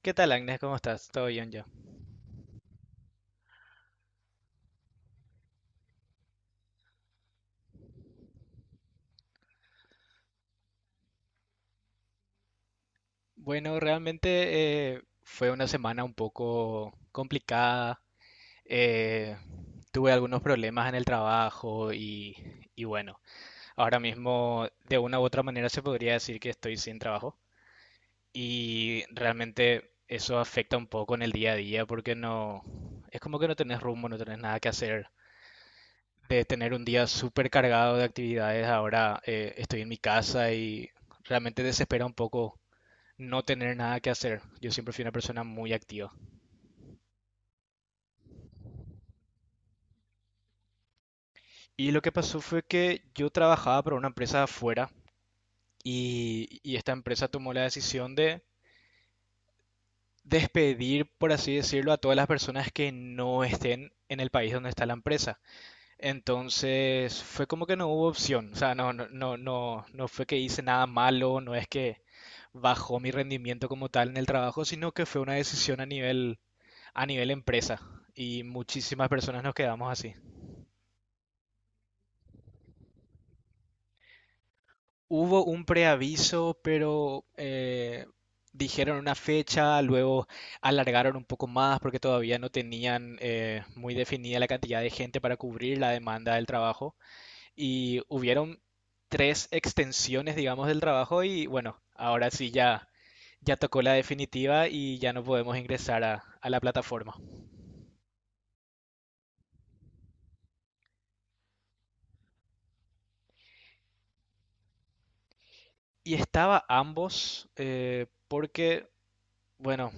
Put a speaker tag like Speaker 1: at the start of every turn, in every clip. Speaker 1: ¿Qué tal, Agnes? ¿Cómo estás? ¿Todo bien ya? Bueno, realmente fue una semana un poco complicada. Eh, Tuve algunos problemas en el trabajo y bueno, ahora mismo de una u otra manera se podría decir que estoy sin trabajo y realmente eso afecta un poco en el día a día porque no, es como que no tenés rumbo, no tenés nada que hacer. De tener un día súper cargado de actividades, ahora estoy en mi casa y realmente desespera un poco no tener nada que hacer. Yo siempre fui una persona muy activa. Y lo que pasó fue que yo trabajaba para una empresa de afuera y esta empresa tomó la decisión de despedir, por así decirlo, a todas las personas que no estén en el país donde está la empresa. Entonces fue como que no hubo opción. O sea, no fue que hice nada malo, no es que bajó mi rendimiento como tal en el trabajo, sino que fue una decisión a nivel empresa. Y muchísimas personas nos quedamos así. Hubo un preaviso, pero dijeron una fecha, luego alargaron un poco más porque todavía no tenían muy definida la cantidad de gente para cubrir la demanda del trabajo. Y hubieron tres extensiones, digamos, del trabajo y bueno, ahora sí ya, ya tocó la definitiva y ya no podemos ingresar a la plataforma. Y estaba ambos porque, bueno,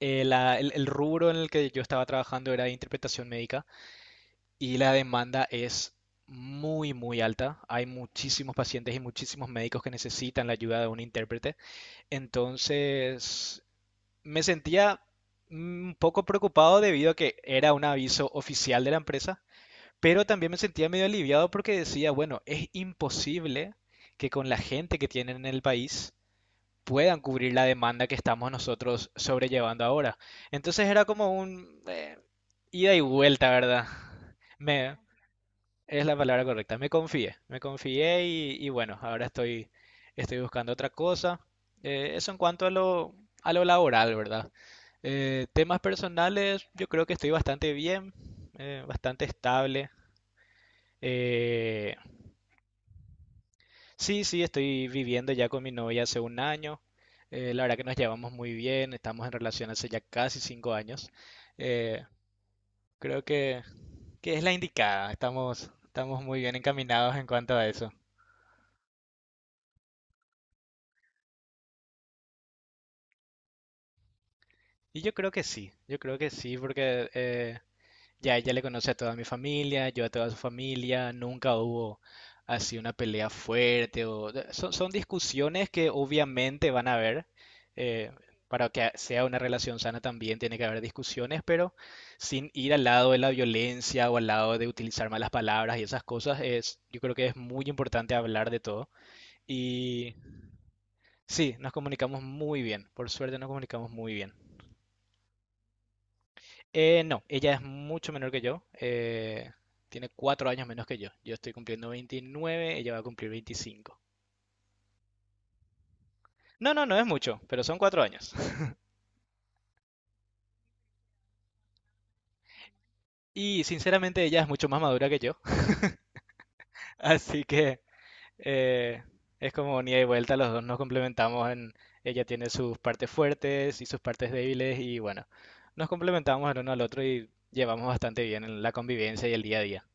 Speaker 1: el rubro en el que yo estaba trabajando era de interpretación médica. Y la demanda es muy, muy alta. Hay muchísimos pacientes y muchísimos médicos que necesitan la ayuda de un intérprete. Entonces, me sentía un poco preocupado debido a que era un aviso oficial de la empresa, pero también me sentía medio aliviado porque decía, bueno, es imposible que con la gente que tienen en el país puedan cubrir la demanda que estamos nosotros sobrellevando ahora. Entonces era como un ida y vuelta, ¿verdad? Me, es la palabra correcta. Me confié y bueno, ahora estoy, estoy buscando otra cosa. Eso en cuanto a lo laboral, ¿verdad? Temas personales, yo creo que estoy bastante bien, bastante estable. Eh, sí, sí, estoy viviendo ya con mi novia hace 1 año. La verdad que nos llevamos muy bien, estamos en relación hace ya casi 5 años. Eh, Creo que es la indicada, estamos, estamos muy bien encaminados en cuanto a eso. Y yo creo que sí, yo creo que sí, porque ya ella le conoce a toda mi familia, yo a toda su familia, nunca hubo así una pelea fuerte o son, son discusiones que obviamente van a haber. eh, para que sea una relación sana también tiene que haber discusiones, pero sin ir al lado de la violencia o al lado de utilizar malas palabras y esas cosas, es, yo creo que es muy importante hablar de todo. Y sí, nos comunicamos muy bien, por suerte nos comunicamos muy bien. No, ella es mucho menor que yo. Tiene 4 años menos que yo. Yo estoy cumpliendo 29, ella va a cumplir 25. No, no, no es mucho, pero son 4 años. Y sinceramente ella es mucho más madura que yo. Así que eh, es como ni y vuelta, los dos nos complementamos en... Ella tiene sus partes fuertes y sus partes débiles y bueno, nos complementamos el uno al otro y llevamos bastante bien en la convivencia y el día a día.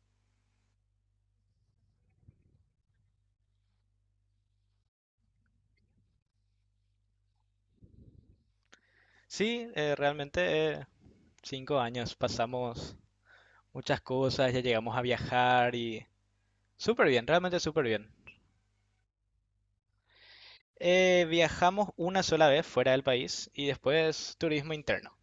Speaker 1: Sí, realmente... 5 años, pasamos muchas cosas, ya llegamos a viajar y súper bien, realmente súper bien. Viajamos una sola vez fuera del país y después turismo interno.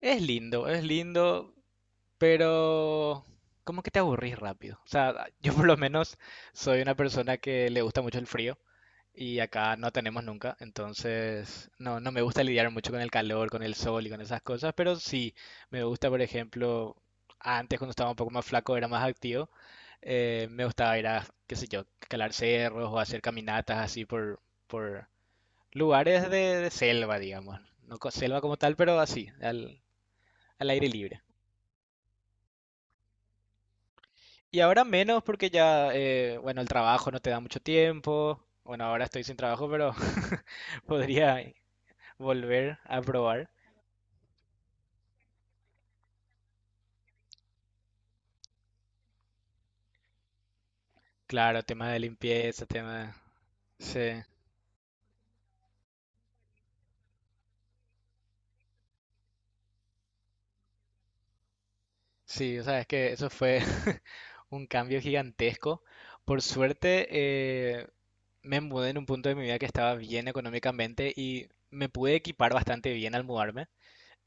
Speaker 1: Es lindo, es lindo, pero como que te aburrís rápido. O sea, yo por lo menos soy una persona que le gusta mucho el frío y acá no tenemos nunca, entonces no, no me gusta lidiar mucho con el calor, con el sol y con esas cosas, pero sí me gusta, por ejemplo, antes cuando estaba un poco más flaco era más activo, me gustaba ir a, qué sé yo, calar cerros o hacer caminatas así por lugares de selva, digamos. No co- Selva como tal, pero así, al aire libre. Y ahora menos porque ya, bueno, el trabajo no te da mucho tiempo. Bueno, ahora estoy sin trabajo, pero podría volver a probar. Claro, tema de limpieza, tema... Sí, sí, o sea, es que eso fue un cambio gigantesco. Por suerte, me mudé en un punto de mi vida que estaba bien económicamente y me pude equipar bastante bien al mudarme.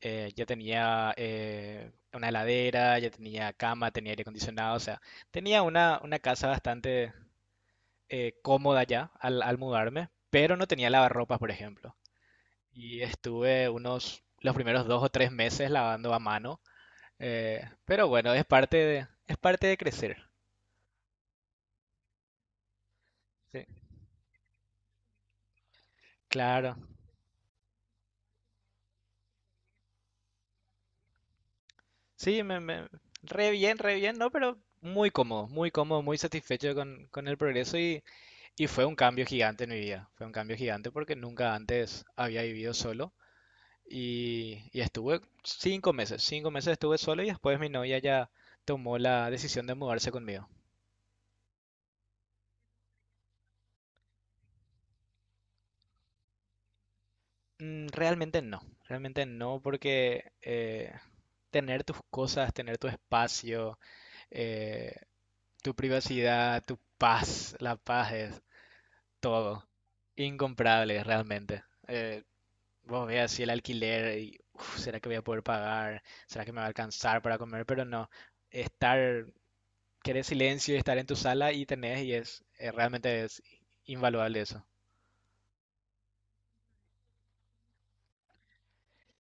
Speaker 1: Ya tenía una heladera, ya tenía cama, tenía aire acondicionado, o sea, tenía una casa bastante cómoda ya al mudarme, pero no tenía lavarropas, por ejemplo. Y estuve unos, los primeros dos o tres meses lavando a mano, pero bueno, es parte de crecer. Sí, claro. Sí, re bien, ¿no? Pero muy cómodo, muy cómodo, muy satisfecho con el progreso y fue un cambio gigante en mi vida. Fue un cambio gigante porque nunca antes había vivido solo y estuve 5 meses, 5 meses estuve solo y después mi novia ya tomó la decisión de mudarse conmigo. Mm, realmente no, realmente no porque tener tus cosas, tener tu espacio, eh, tu privacidad, tu paz, la paz es todo. Incomparable, realmente. Eh, Vos veas si el alquiler, y, uf, ¿será que voy a poder pagar? ¿Será que me va a alcanzar para comer? Pero no, estar, querer silencio y estar en tu sala y tenés, y es, realmente es invaluable eso.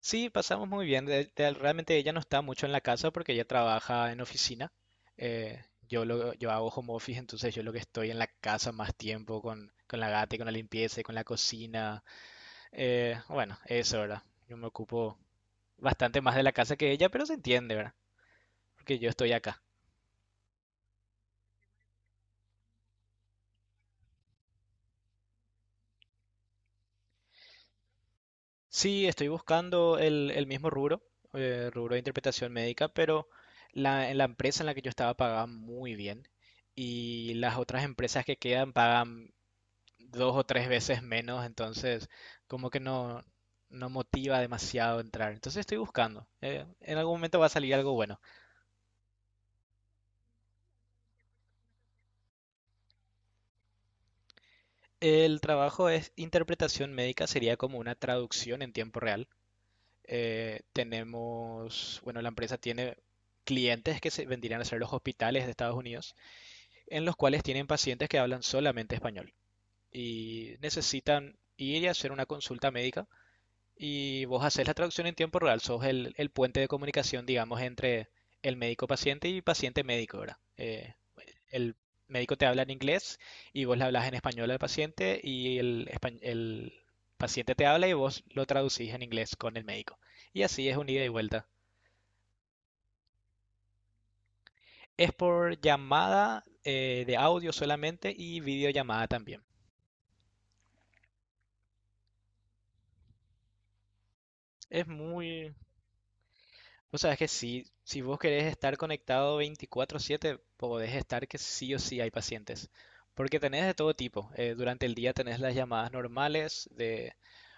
Speaker 1: Sí, pasamos muy bien. Realmente ella no está mucho en la casa porque ella trabaja en oficina. Yo hago home office, entonces yo lo que estoy en la casa más tiempo con la gata y con la limpieza y con la cocina. Bueno, eso, ¿verdad? Yo me ocupo bastante más de la casa que ella, pero se entiende, ¿verdad? Porque yo estoy acá. Sí, estoy buscando el mismo rubro, rubro de interpretación médica, pero la, en la empresa en la que yo estaba pagaban muy bien y las otras empresas que quedan pagan dos o tres veces menos, entonces como que no, no motiva demasiado entrar. Entonces estoy buscando. En algún momento va a salir algo bueno. El trabajo es interpretación médica, sería como una traducción en tiempo real. Tenemos, bueno, la empresa tiene clientes que se vendrían a ser los hospitales de Estados Unidos, en los cuales tienen pacientes que hablan solamente español y necesitan ir y hacer una consulta médica y vos haces la traducción en tiempo real, sos el puente de comunicación, digamos, entre el médico paciente y paciente médico, ¿verdad? El médico te habla en inglés y vos le hablas en español al paciente y el paciente te habla y vos lo traducís en inglés con el médico. Y así es un ida y vuelta. Es por llamada de audio solamente y videollamada también. Es muy... Vos sabés que si, si vos querés estar conectado 24/7, podés estar que sí o sí hay pacientes. Porque tenés de todo tipo. Durante el día tenés las llamadas normales de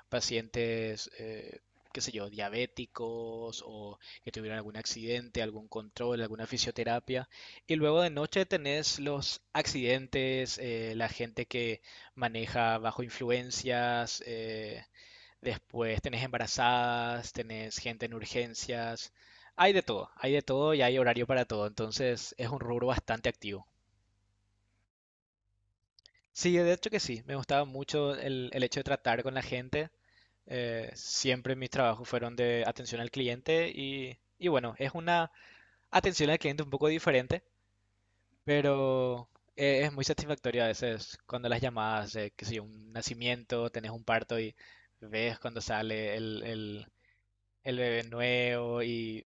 Speaker 1: pacientes, qué sé yo, diabéticos o que tuvieron algún accidente, algún control, alguna fisioterapia. Y luego de noche tenés los accidentes, la gente que maneja bajo influencias, después tenés embarazadas, tenés gente en urgencias. Hay de todo y hay horario para todo, entonces es un rubro bastante activo. Sí, de hecho que sí, me gustaba mucho el hecho de tratar con la gente. Siempre mis trabajos fueron de atención al cliente y bueno, es una atención al cliente un poco diferente, pero es muy satisfactorio a veces cuando las llamadas de, qué sé yo, un nacimiento, tenés un parto y ves cuando sale el bebé nuevo y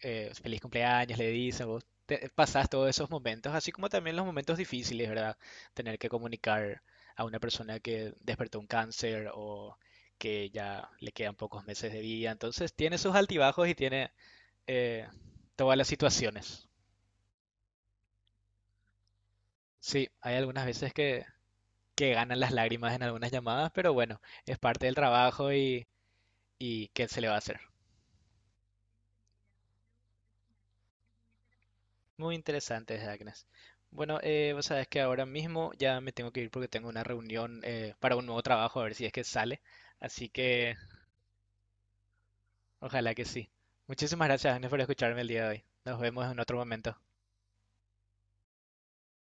Speaker 1: feliz cumpleaños, le dicen, pasás todos esos momentos, así como también los momentos difíciles, ¿verdad? Tener que comunicar a una persona que despertó un cáncer o que ya le quedan pocos meses de vida, entonces tiene sus altibajos y tiene eh, todas las situaciones. Sí, hay algunas veces que ganan las lágrimas en algunas llamadas, pero bueno, es parte del trabajo y ¿qué se le va a hacer? Muy interesante, Agnes. Bueno, vos sabés que ahora mismo ya me tengo que ir porque tengo una reunión para un nuevo trabajo, a ver si es que sale. Así que ojalá que sí. Muchísimas gracias, Agnes, por escucharme el día de hoy. Nos vemos en otro momento.